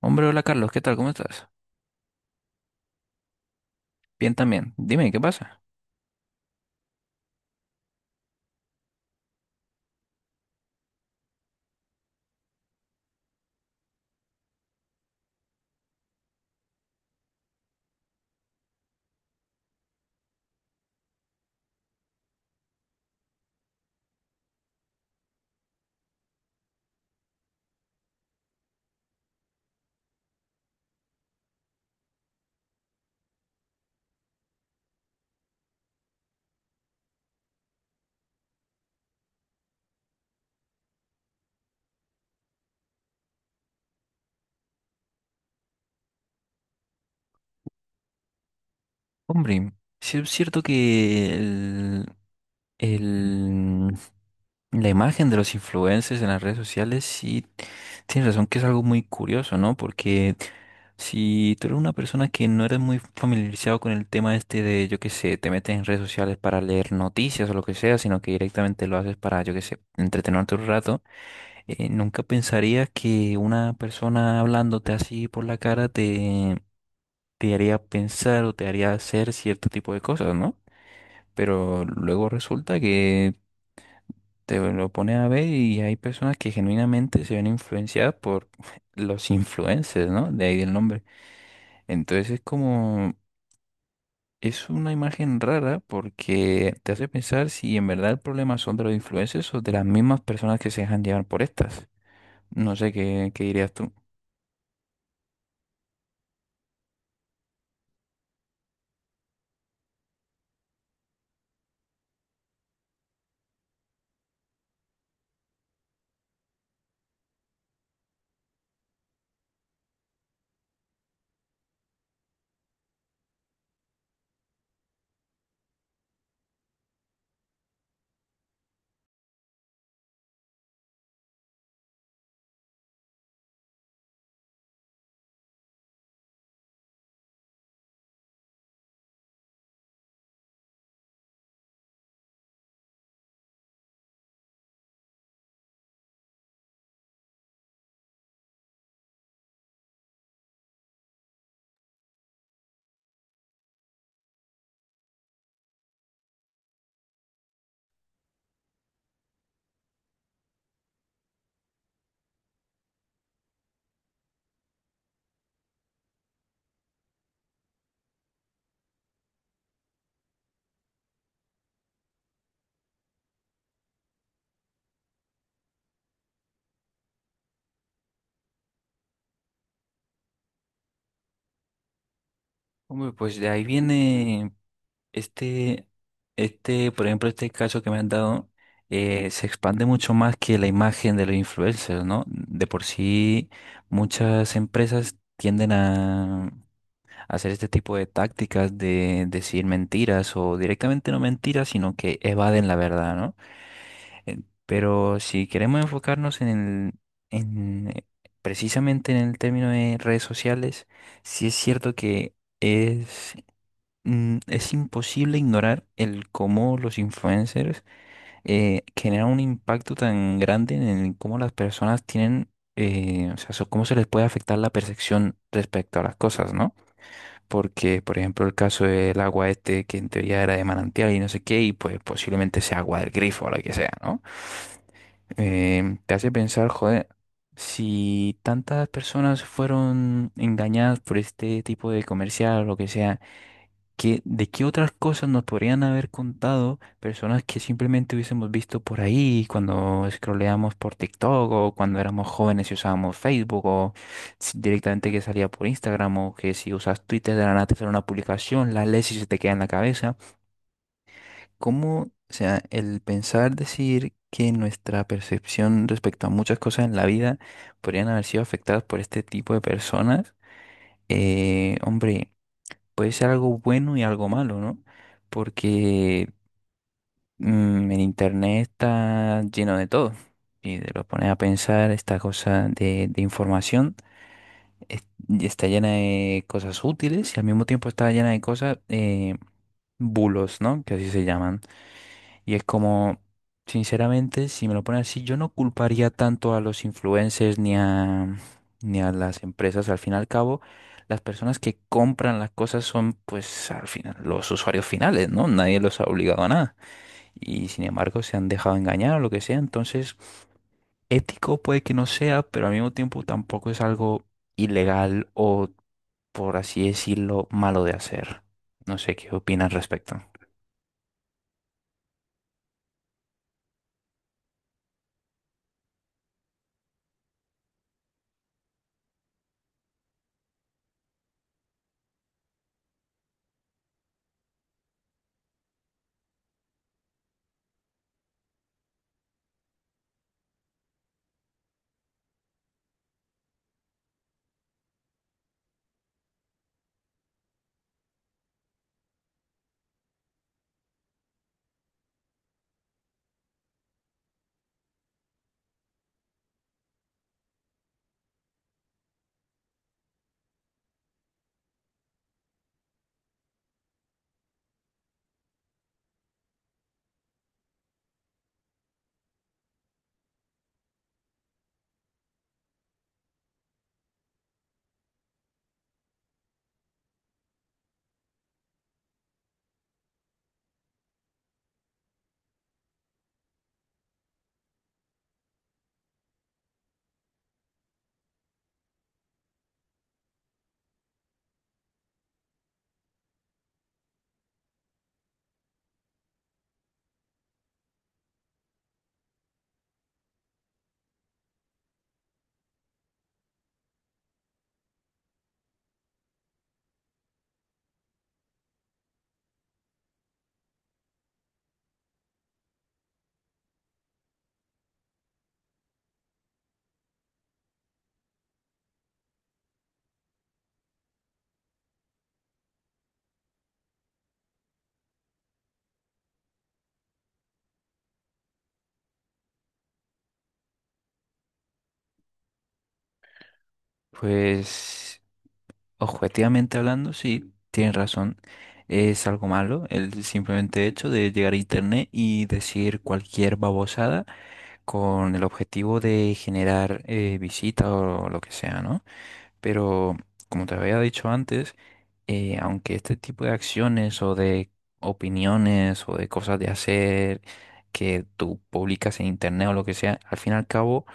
Hombre, hola Carlos, ¿qué tal? ¿Cómo estás? Bien también. Dime, ¿qué pasa? Hombre, sí es cierto que el- la imagen de los influencers en las redes sociales, sí, tienes razón que es algo muy curioso, ¿no? Porque si tú eres una persona que no eres muy familiarizado con el tema este de, yo qué sé, te metes en redes sociales para leer noticias o lo que sea, sino que directamente lo haces para, yo qué sé, entretenerte un rato, nunca pensarías que una persona hablándote así por la cara te haría pensar o te haría hacer cierto tipo de cosas, ¿no? Pero luego resulta que te lo pones a ver y hay personas que genuinamente se ven influenciadas por los influencers, ¿no? De ahí el nombre. Entonces es como, es una imagen rara porque te hace pensar si en verdad el problema son de los influencers o de las mismas personas que se dejan llevar por estas. No sé qué, qué dirías tú. Hombre, pues de ahí viene. Este, este, por ejemplo, este caso que me han dado, se expande mucho más que la imagen de los influencers, ¿no? De por sí, muchas empresas tienden a hacer este tipo de tácticas de decir mentiras o directamente no mentiras, sino que evaden la verdad, ¿no? Eh, Pero si queremos enfocarnos en en, eh, precisamente en el término de redes sociales, sí es cierto que es es imposible ignorar el cómo los influencers, generan un impacto tan grande en el cómo las personas tienen, o sea, cómo se les puede afectar la percepción respecto a las cosas, ¿no? Porque, por ejemplo, el caso del agua este, que en teoría era de manantial y no sé qué, y pues posiblemente sea agua del grifo o lo que sea, ¿no? Te hace pensar, joder, si tantas personas fueron engañadas por este tipo de comercial o lo que sea, que de qué otras cosas nos podrían haber contado personas que simplemente hubiésemos visto por ahí cuando scrolleamos por TikTok o cuando éramos jóvenes y usábamos Facebook o directamente que salía por Instagram o que si usas Twitter de la nada te sale una publicación, la lees y se te queda en la cabeza. ¿Cómo, o sea, el pensar decir que nuestra percepción respecto a muchas cosas en la vida podrían haber sido afectadas por este tipo de personas? Hombre, puede ser algo bueno y algo malo, ¿no? Porque el internet está lleno de todo. Y te lo pones a pensar, esta cosa de información y está llena de cosas útiles y al mismo tiempo está llena de cosas, bulos, ¿no? Que así se llaman. Y es como, sinceramente, si me lo ponen así, yo no culparía tanto a los influencers ni a las empresas. Al fin y al cabo, las personas que compran las cosas son, pues, al final, los usuarios finales, ¿no? Nadie los ha obligado a nada. Y sin embargo, se han dejado engañar o lo que sea. Entonces, ético puede que no sea, pero al mismo tiempo tampoco es algo ilegal o, por así decirlo, malo de hacer. No sé qué opinas al respecto. Pues, objetivamente hablando, sí, tienes razón. Es algo malo el simplemente hecho de llegar a internet y decir cualquier babosada con el objetivo de generar visitas o lo que sea, ¿no? Pero como te había dicho antes, aunque este tipo de acciones o de opiniones o de cosas de hacer que tú publicas en internet o lo que sea, al fin y al cabo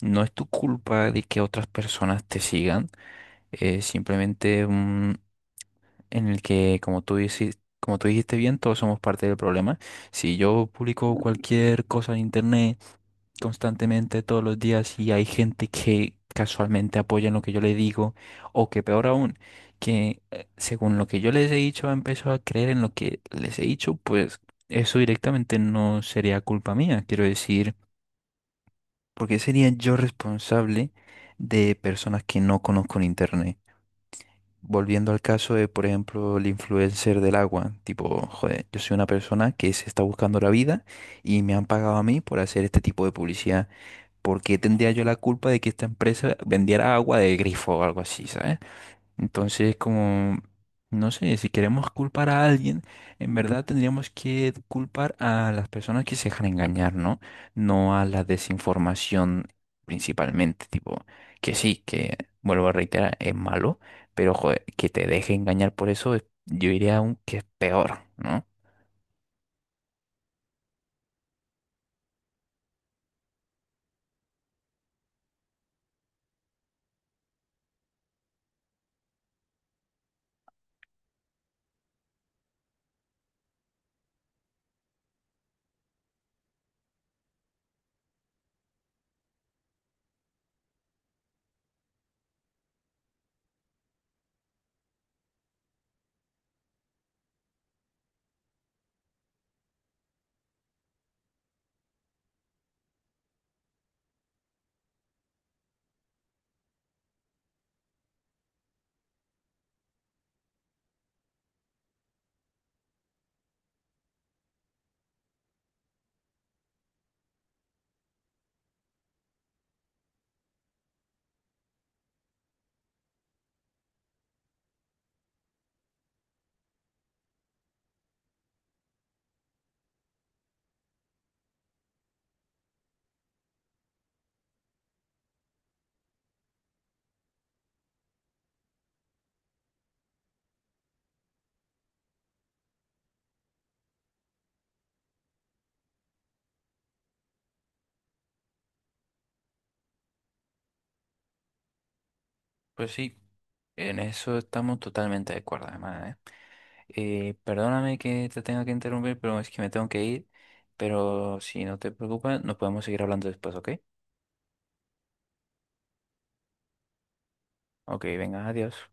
no es tu culpa de que otras personas te sigan. Es simplemente en el que, como tú dices, como tú dijiste bien, todos somos parte del problema. Si yo publico cualquier cosa en internet constantemente todos los días y hay gente que casualmente apoya en lo que yo le digo, o que peor aún, que según lo que yo les he dicho, empezó a creer en lo que les he dicho, pues eso directamente no sería culpa mía. Quiero decir, ¿por qué sería yo responsable de personas que no conozco en internet? Volviendo al caso de, por ejemplo, el influencer del agua, tipo, joder, yo soy una persona que se está buscando la vida y me han pagado a mí por hacer este tipo de publicidad. ¿Por qué tendría yo la culpa de que esta empresa vendiera agua de grifo o algo así, ¿sabes? Entonces, como, no sé, si queremos culpar a alguien, en verdad tendríamos que culpar a las personas que se dejan engañar, ¿no? No a la desinformación principalmente, tipo, que sí, que, vuelvo a reiterar, es malo, pero joder, que te deje engañar por eso, es- yo diría aún que es peor, ¿no? Pues sí, en eso estamos totalmente de acuerdo, además, ¿eh? Perdóname que te tenga que interrumpir, pero es que me tengo que ir. Pero si no te preocupas, nos podemos seguir hablando después, ¿ok? Ok, venga, adiós.